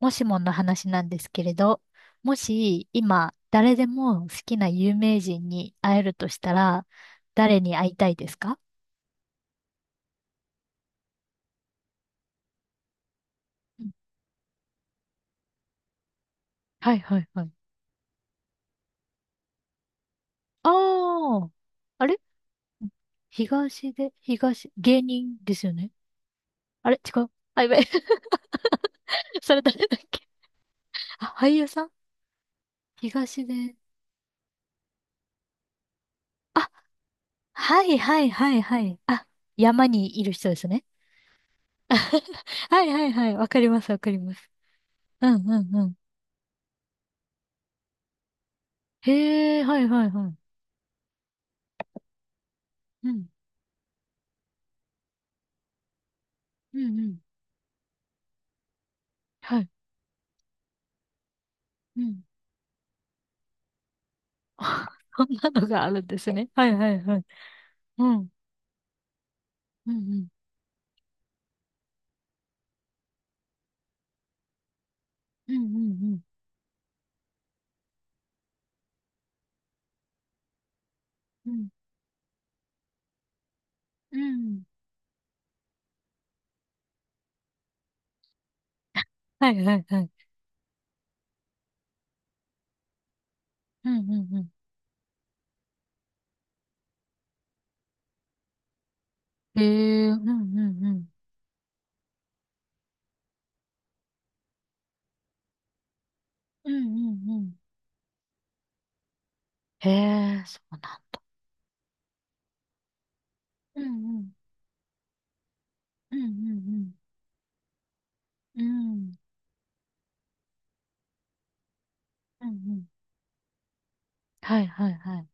もしもの話なんですけれど、もし今誰でも好きな有名人に会えるとしたら、誰に会いたいですか？うん。はいはいはい。ああ、あれ東で、東、芸人ですよね。あれ違う。あ、やべえ。それ誰だっけ？あ、俳優さん。東で。あ、はいはいはいはい。あ、山にいる人ですね。はいはいはい。わかりますわかります。うんうんうん。へえ、はいはいはい。うん。うんうん。はい。うん。あ、そんなのがあるんですね。はいはいはい。うん。うんうん。うんうんうん。うん。うん。はいはいはい。うんうんうん。へえ、うんうんうん。うんうんうん。へえ、そうなんだ。うんうん。うんうんうん。うんうんうん。はいはいはい。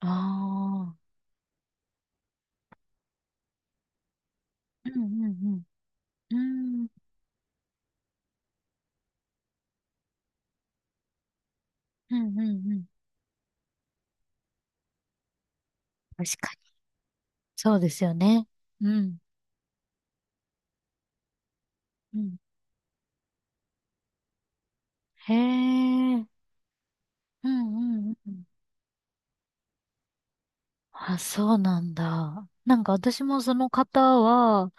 ああ。うんうんうん。うんうんうんうん。確かに。そうですよね。うん。うん。へえ。うんうんうん。あ、そうなんだ。なんか私もその方は、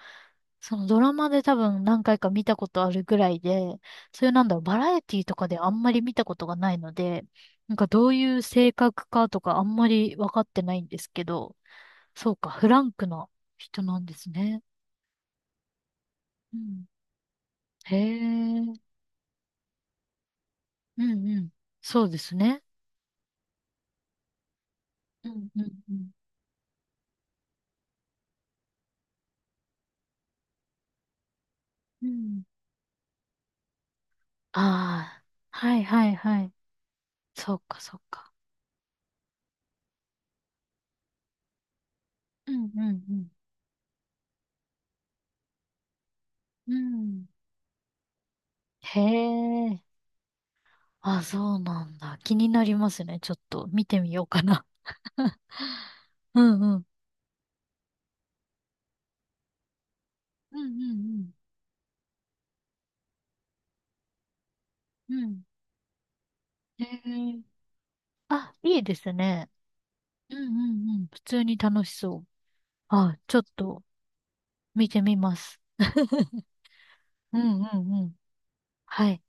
そのドラマで多分何回か見たことあるぐらいで、そういうなんだろう、バラエティとかであんまり見たことがないので、なんかどういう性格かとかあんまり分かってないんですけど、そうか、フランクな人なんですね。うん。へえ。うんうん。そうですね。うんうんうん。うん。ああ、はいはいはい。そうかそうか。うんうんうん。うん。へえ。あ、そうなんだ。気になりますね。ちょっと見てみようかな。うんうん。うんうんうん。うん。へえ。あ、いいですね。うんうんうん。普通に楽しそう。あ、ちょっと見てみます。うんうんうん。はい。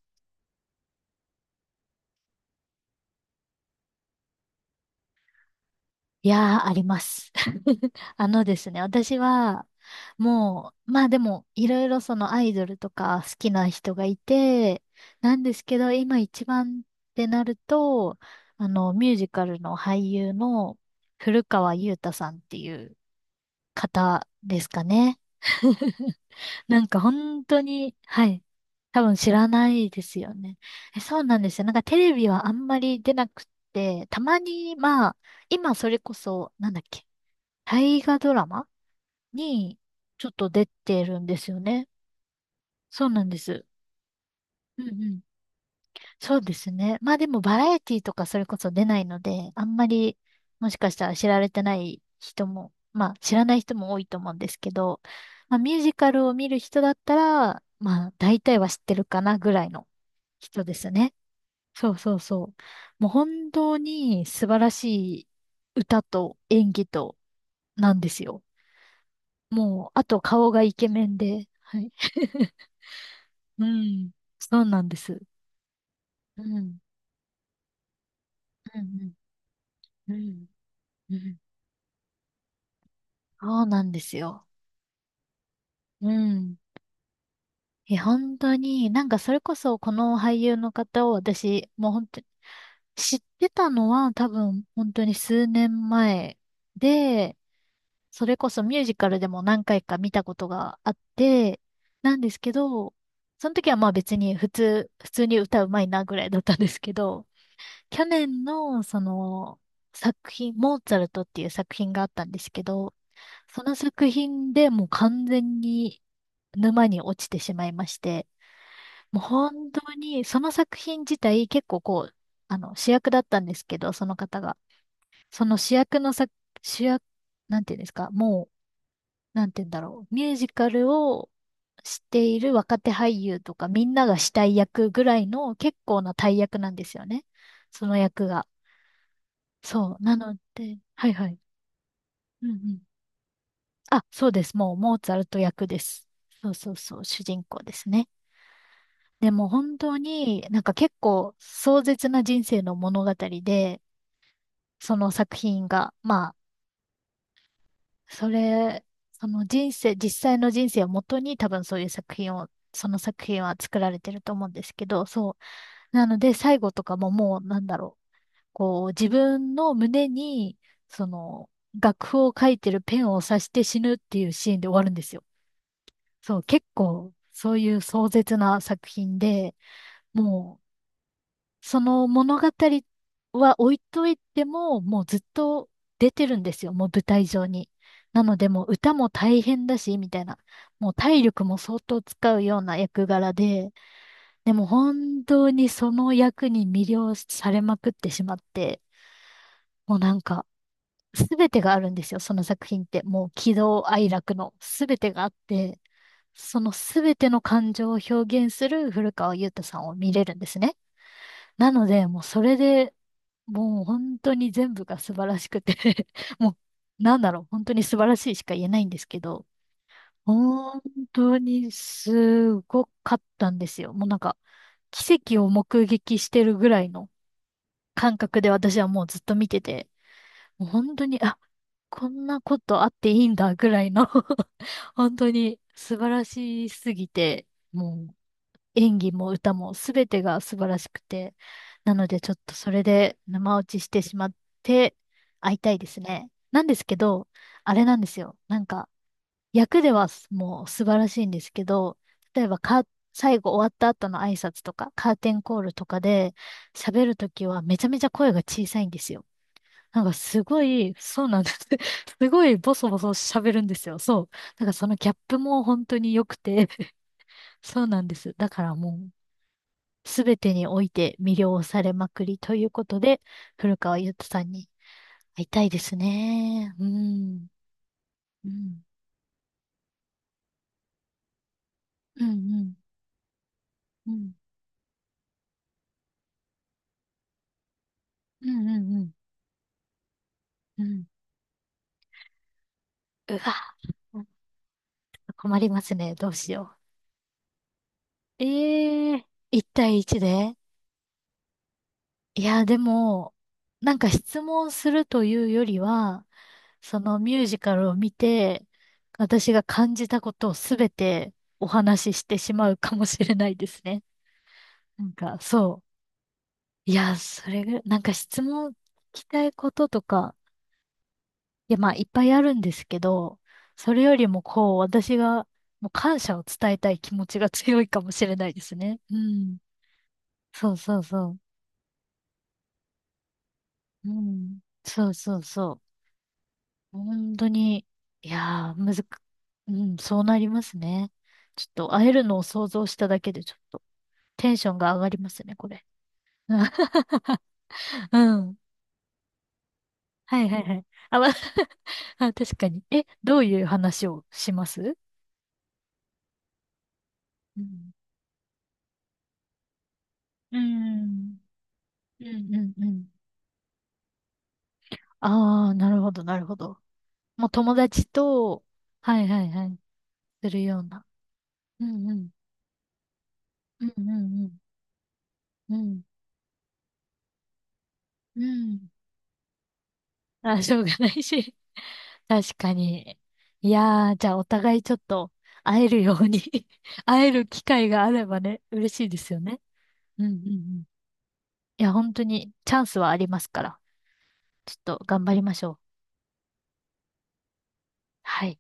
いやー、あります。あのですね、私は、もう、まあでも、いろいろそのアイドルとか好きな人がいて、なんですけど、今一番ってなると、あの、ミュージカルの俳優の古川雄太さんっていう方ですかね。なんか本当に、はい。多分知らないですよね。え、そうなんですよ。なんかテレビはあんまり出なくって、たまに、まあ、今それこそ、なんだっけ、大河ドラマにちょっと出てるんですよね。そうなんです。うんうん。そうですね。まあでもバラエティとかそれこそ出ないので、あんまりもしかしたら知られてない人も、まあ知らない人も多いと思うんですけど、まあミュージカルを見る人だったら、まあ大体は知ってるかなぐらいの人ですね。そうそうそう。もう本当に素晴らしい歌と演技となんですよ。もう、あと顔がイケメンで、はい。うん、そうなんです。うん、うん、うん、うん。うん、そうなんですよ。うん。え、本当に、なんかそれこそこの俳優の方を私、もう本当に知ってたのは多分本当に数年前で、それこそミュージカルでも何回か見たことがあって、なんですけど、その時はまあ別に普通に歌うまいなぐらいだったんですけど、去年のその作品、モーツァルトっていう作品があったんですけど、その作品でもう完全に沼に落ちてしまいまして、もう本当にその作品自体結構こう、あの主役だったんですけど、その方が。その主役の主役、なんていうんですか、もう、なんていうんだろう、ミュージカルをしている若手俳優とかみんながしたい役ぐらいの結構な大役なんですよね。その役が。そう。なので、はいはい。うんうん。あ、そうです。もう、モーツァルト役です。そうそうそう、主人公ですね。でも本当になんか結構壮絶な人生の物語で、その作品が、まあ、それ、その人生、実際の人生をもとに多分そういう作品を、その作品は作られてると思うんですけど、そう。なので最後とかももうなんだろう。こう、自分の胸に、その、楽譜を書いてるペンを刺して死ぬっていうシーンで終わるんですよ。そう、結構、そういう壮絶な作品で、もう、その物語は置いといても、もうずっと出てるんですよ、もう舞台上に。なので、もう歌も大変だし、みたいな。もう体力も相当使うような役柄で、でも本当にその役に魅了されまくってしまって、もうなんか、すべてがあるんですよ、その作品って。もう喜怒哀楽のすべてがあって。そのすべての感情を表現する古川優太さんを見れるんですね。なので、もうそれでもう本当に全部が素晴らしくて もうなんだろう、本当に素晴らしいしか言えないんですけど、本当にすごかったんですよ。もうなんか、奇跡を目撃してるぐらいの感覚で私はもうずっと見てて、もう本当に、あ、こんなことあっていいんだぐらいの 本当に素晴らしすぎて、もう演技も歌も全てが素晴らしくて、なのでちょっとそれで生落ちしてしまって会いたいですね。なんですけど、あれなんですよ。なんか、役ではもう素晴らしいんですけど、例えば最後終わった後の挨拶とか、カーテンコールとかで喋るときはめちゃめちゃ声が小さいんですよ。なんかすごい、そうなんです。すごいボソボソ喋るんですよ。そう。なんかそのギャップも本当に良くて、そうなんです。だからもうすべてにおいて魅了されまくりということで、古川優太さんに会いたいですね。うん。うん。うん。うん。うん。うん。うん。うん。うわ、なんか困りますね。どうしよう。ええ、一対一で、いや、でも、なんか質問するというよりは、そのミュージカルを見て、私が感じたことをすべてお話ししてしまうかもしれないですね。なんか、そう。いや、それぐらい、なんか質問聞きたいこととか、いや、まあ、いっぱいあるんですけど、それよりもこう、私が、もう感謝を伝えたい気持ちが 強いかもしれないですね。うん。そうそうそう。うん。そうそうそう。本当に、いやー、むずく、うん、そうなりますね。ちょっと会えるのを想像しただけで、ちょっとテンションが上がりますね、これ。うん。はいはいはい。あ、ま あ、確かに。え、どういう話をします？うん。うん。うんうんうん。ああ、なるほど、なるほど。もう友達と、はいはいはい、するような。うんうん。うんうんうん。うん。うん。あ、しょうがないし。確かに。いやー、じゃあお互いちょっと会えるように 会える機会があればね、嬉しいですよね。うんうんうん。いや、本当にチャンスはありますから、ちょっと頑張りましょう。はい。